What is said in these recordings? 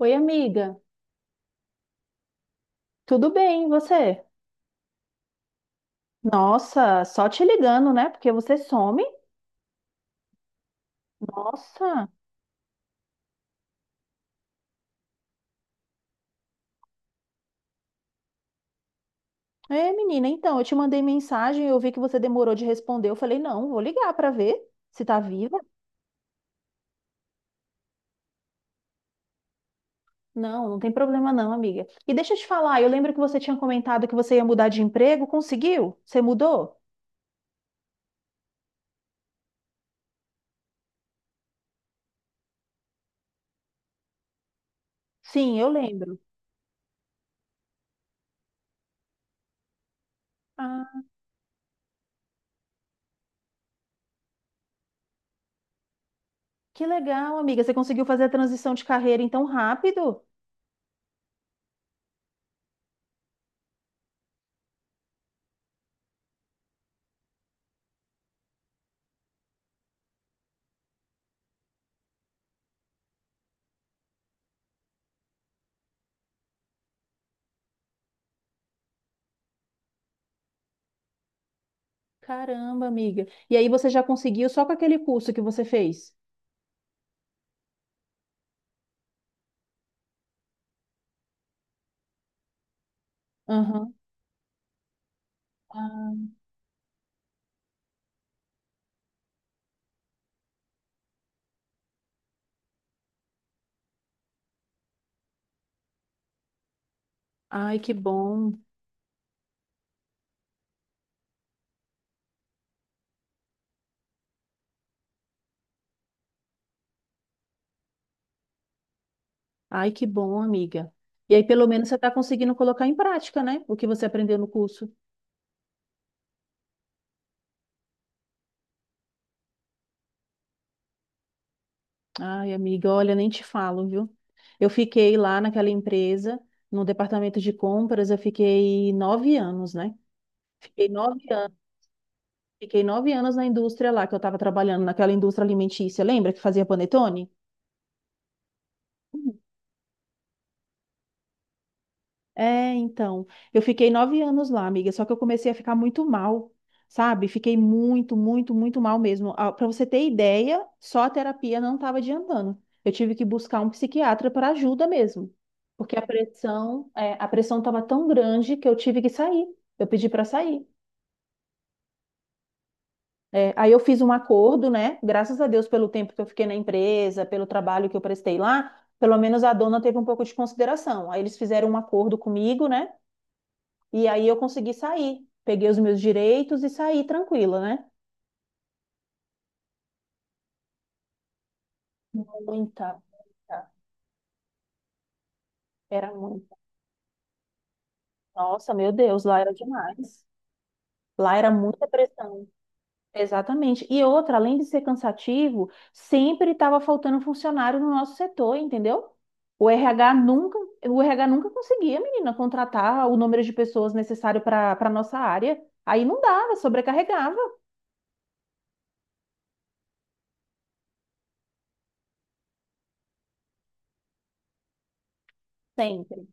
Oi, amiga. Tudo bem, e você? Nossa, só te ligando, né? Porque você some. Nossa. É, menina, então, eu te mandei mensagem, eu vi que você demorou de responder. Eu falei, não, vou ligar pra ver se tá viva. Não, não tem problema não, amiga. E deixa eu te falar, eu lembro que você tinha comentado que você ia mudar de emprego, conseguiu? Você mudou? Sim, eu lembro. Ah, que legal, amiga. Você conseguiu fazer a transição de carreira então rápido? Caramba, amiga. E aí você já conseguiu só com aquele curso que você fez? Aham. Ai, que bom. Ai, que bom, amiga. E aí, pelo menos, você está conseguindo colocar em prática, né? O que você aprendeu no curso. Ai, amiga, olha, nem te falo, viu? Eu fiquei lá naquela empresa, no departamento de compras, eu fiquei 9 anos, né? Fiquei nove anos. Fiquei nove anos na indústria lá que eu estava trabalhando, naquela indústria alimentícia. Lembra que fazia panetone? É, então, eu fiquei nove anos lá, amiga, só que eu comecei a ficar muito mal, sabe? Fiquei muito, muito, muito mal mesmo. Para você ter ideia, só a terapia não estava adiantando. Eu tive que buscar um psiquiatra para ajuda mesmo, porque a pressão estava tão grande que eu tive que sair. Eu pedi para sair. É, aí eu fiz um acordo, né? Graças a Deus pelo tempo que eu fiquei na empresa, pelo trabalho que eu prestei lá, pelo menos a dona teve um pouco de consideração. Aí eles fizeram um acordo comigo, né? E aí eu consegui sair. Peguei os meus direitos e saí tranquila, né? Muita, muita. Era muita. Nossa, meu Deus, lá era demais. Lá era muita pressão. Exatamente. E outra, além de ser cansativo, sempre estava faltando funcionário no nosso setor, entendeu? O RH nunca, o RH nunca conseguia, menina, contratar o número de pessoas necessário para nossa área. Aí não dava, sobrecarregava sempre.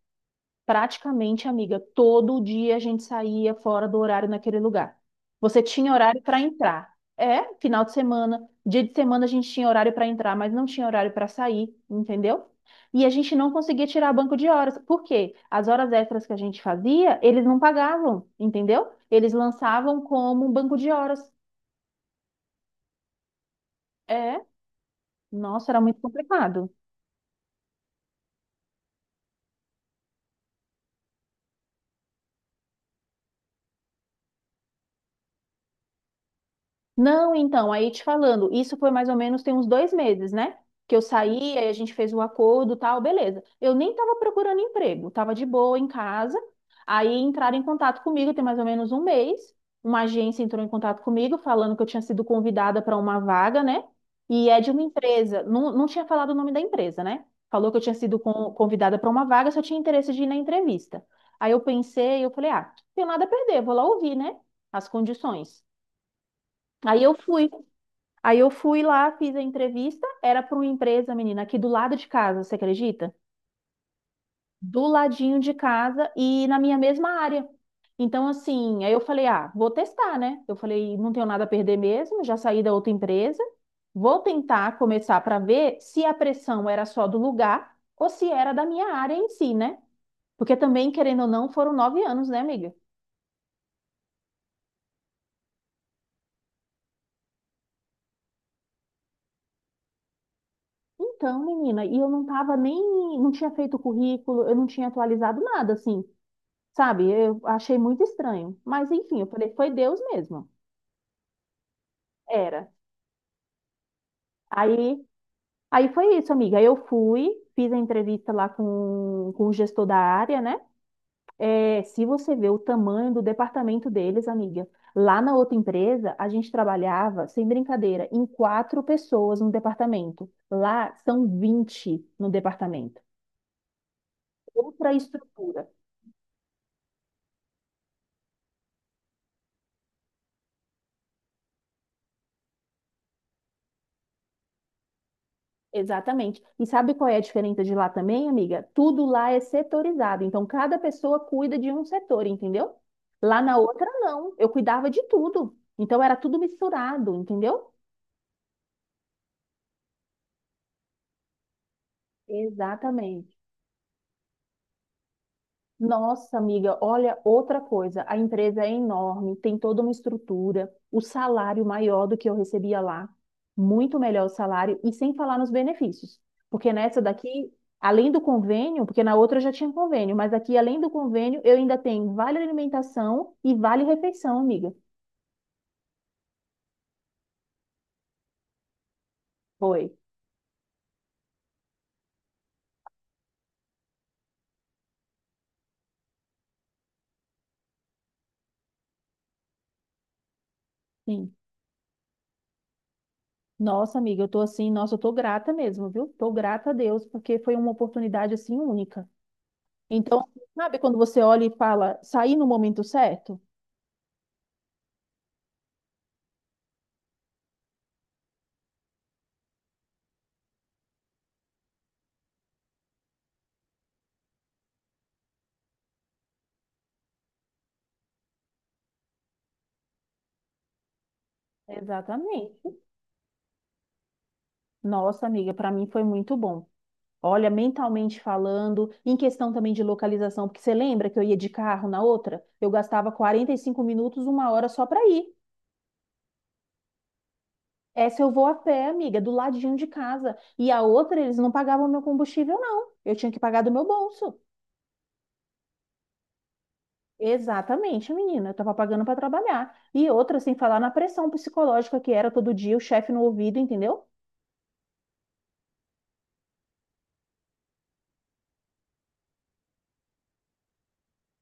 Praticamente, amiga, todo dia a gente saía fora do horário naquele lugar. Você tinha horário para entrar. É, final de semana, dia de semana a gente tinha horário para entrar, mas não tinha horário para sair, entendeu? E a gente não conseguia tirar banco de horas. Por quê? As horas extras que a gente fazia, eles não pagavam, entendeu? Eles lançavam como um banco de horas. É, nossa, era muito complicado. Não, então, aí te falando, isso foi mais ou menos tem uns 2 meses, né? Que eu saí, aí a gente fez o acordo, tal, beleza. Eu nem tava procurando emprego, tava de boa em casa. Aí entraram em contato comigo, tem mais ou menos um mês. Uma agência entrou em contato comigo, falando que eu tinha sido convidada para uma vaga, né? E é de uma empresa, não, não tinha falado o nome da empresa, né? Falou que eu tinha sido convidada para uma vaga, só tinha interesse de ir na entrevista. Aí eu pensei, eu falei, ah, tenho nada a perder, vou lá ouvir, né? As condições. Aí eu fui. Aí eu fui lá, fiz a entrevista, era para uma empresa, menina, aqui do lado de casa, você acredita? Do ladinho de casa e na minha mesma área. Então, assim, aí eu falei, ah, vou testar, né? Eu falei, não tenho nada a perder mesmo, já saí da outra empresa, vou tentar começar para ver se a pressão era só do lugar ou se era da minha área em si, né? Porque também, querendo ou não, foram 9 anos, né, amiga? Então, menina, e eu não tava nem, não tinha feito currículo, eu não tinha atualizado nada, assim. Sabe, eu achei muito estranho. Mas enfim, eu falei, foi Deus mesmo. Era. Aí, aí, foi isso, amiga. Eu fui, fiz a entrevista lá com o gestor da área, né? É, se você vê o tamanho do departamento deles, amiga, lá na outra empresa, a gente trabalhava, sem brincadeira, em quatro pessoas no departamento. Lá são 20 no departamento. Outra estrutura. Exatamente. E sabe qual é a diferença de lá também, amiga? Tudo lá é setorizado. Então, cada pessoa cuida de um setor, entendeu? Lá na outra, não. Eu cuidava de tudo. Então, era tudo misturado, entendeu? Exatamente. Nossa, amiga, olha outra coisa. A empresa é enorme, tem toda uma estrutura, o salário maior do que eu recebia lá, muito melhor o salário, e sem falar nos benefícios. Porque nessa daqui, além do convênio, porque na outra eu já tinha convênio, mas aqui, além do convênio, eu ainda tenho vale alimentação e vale refeição, amiga. Foi. Sim. Nossa, amiga, eu tô assim, nossa, eu tô grata mesmo, viu? Tô grata a Deus, porque foi uma oportunidade assim única. Então, sabe quando você olha e fala, saí no momento certo? Exatamente. Nossa, amiga, para mim foi muito bom. Olha, mentalmente falando, em questão também de localização, porque você lembra que eu ia de carro na outra? Eu gastava 45 minutos, uma hora só para ir. Essa eu vou a pé, amiga, do ladinho de casa. E a outra, eles não pagavam meu combustível, não. Eu tinha que pagar do meu bolso. Exatamente, menina. Eu estava pagando para trabalhar. E outra, sem falar na pressão psicológica que era todo dia o chefe no ouvido, entendeu?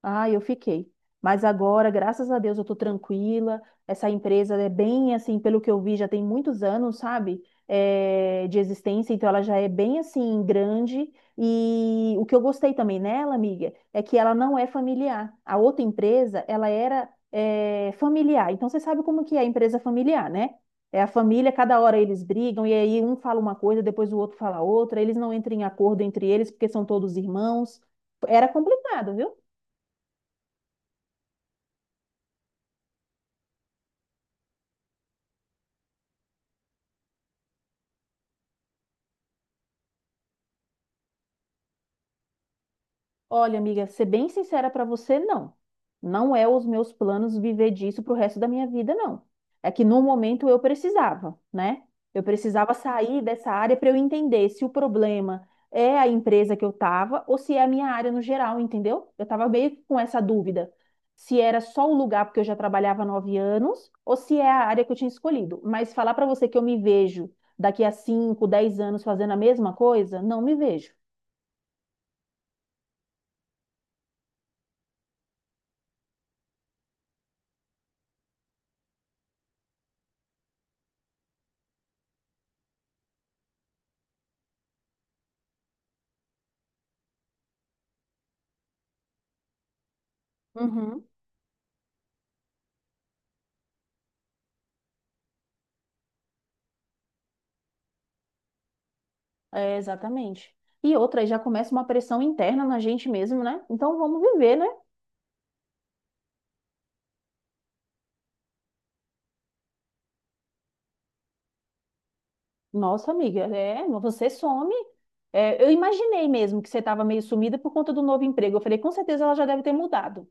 Ah, eu fiquei. Mas agora, graças a Deus, eu tô tranquila. Essa empresa é bem assim, pelo que eu vi, já tem muitos anos, sabe? De existência, então ela já é bem assim, grande. E o que eu gostei também nela, amiga, é que ela não é familiar. A outra empresa, ela era, familiar. Então você sabe como que é a empresa familiar, né? É a família, cada hora eles brigam, e aí um fala uma coisa, depois o outro fala outra, eles não entram em acordo entre eles, porque são todos irmãos. Era complicado, viu? Olha, amiga, ser bem sincera pra você, não. Não é os meus planos viver disso pro resto da minha vida, não. É que no momento eu precisava, né? Eu precisava sair dessa área para eu entender se o problema é a empresa que eu tava ou se é a minha área no geral, entendeu? Eu tava meio que com essa dúvida. Se era só o lugar porque eu já trabalhava há 9 anos ou se é a área que eu tinha escolhido. Mas falar pra você que eu me vejo daqui a 5, 10 anos fazendo a mesma coisa, não me vejo. Uhum. É, exatamente. E outra, aí já começa uma pressão interna na gente mesmo, né? Então vamos viver, né? Nossa, amiga, é, você some. É, eu imaginei mesmo que você estava meio sumida por conta do novo emprego. Eu falei, com certeza ela já deve ter mudado.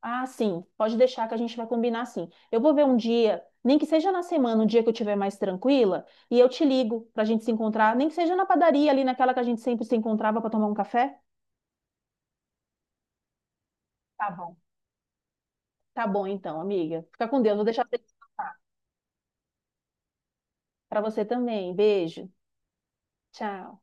Ah, sim, pode deixar que a gente vai combinar assim. Eu vou ver um dia, nem que seja na semana, um dia que eu estiver mais tranquila, e eu te ligo para a gente se encontrar, nem que seja na padaria ali, naquela que a gente sempre se encontrava para tomar um café. Tá bom. Tá bom, então, amiga. Fica com Deus, vou deixar você descansar. Para você também. Beijo. Tchau.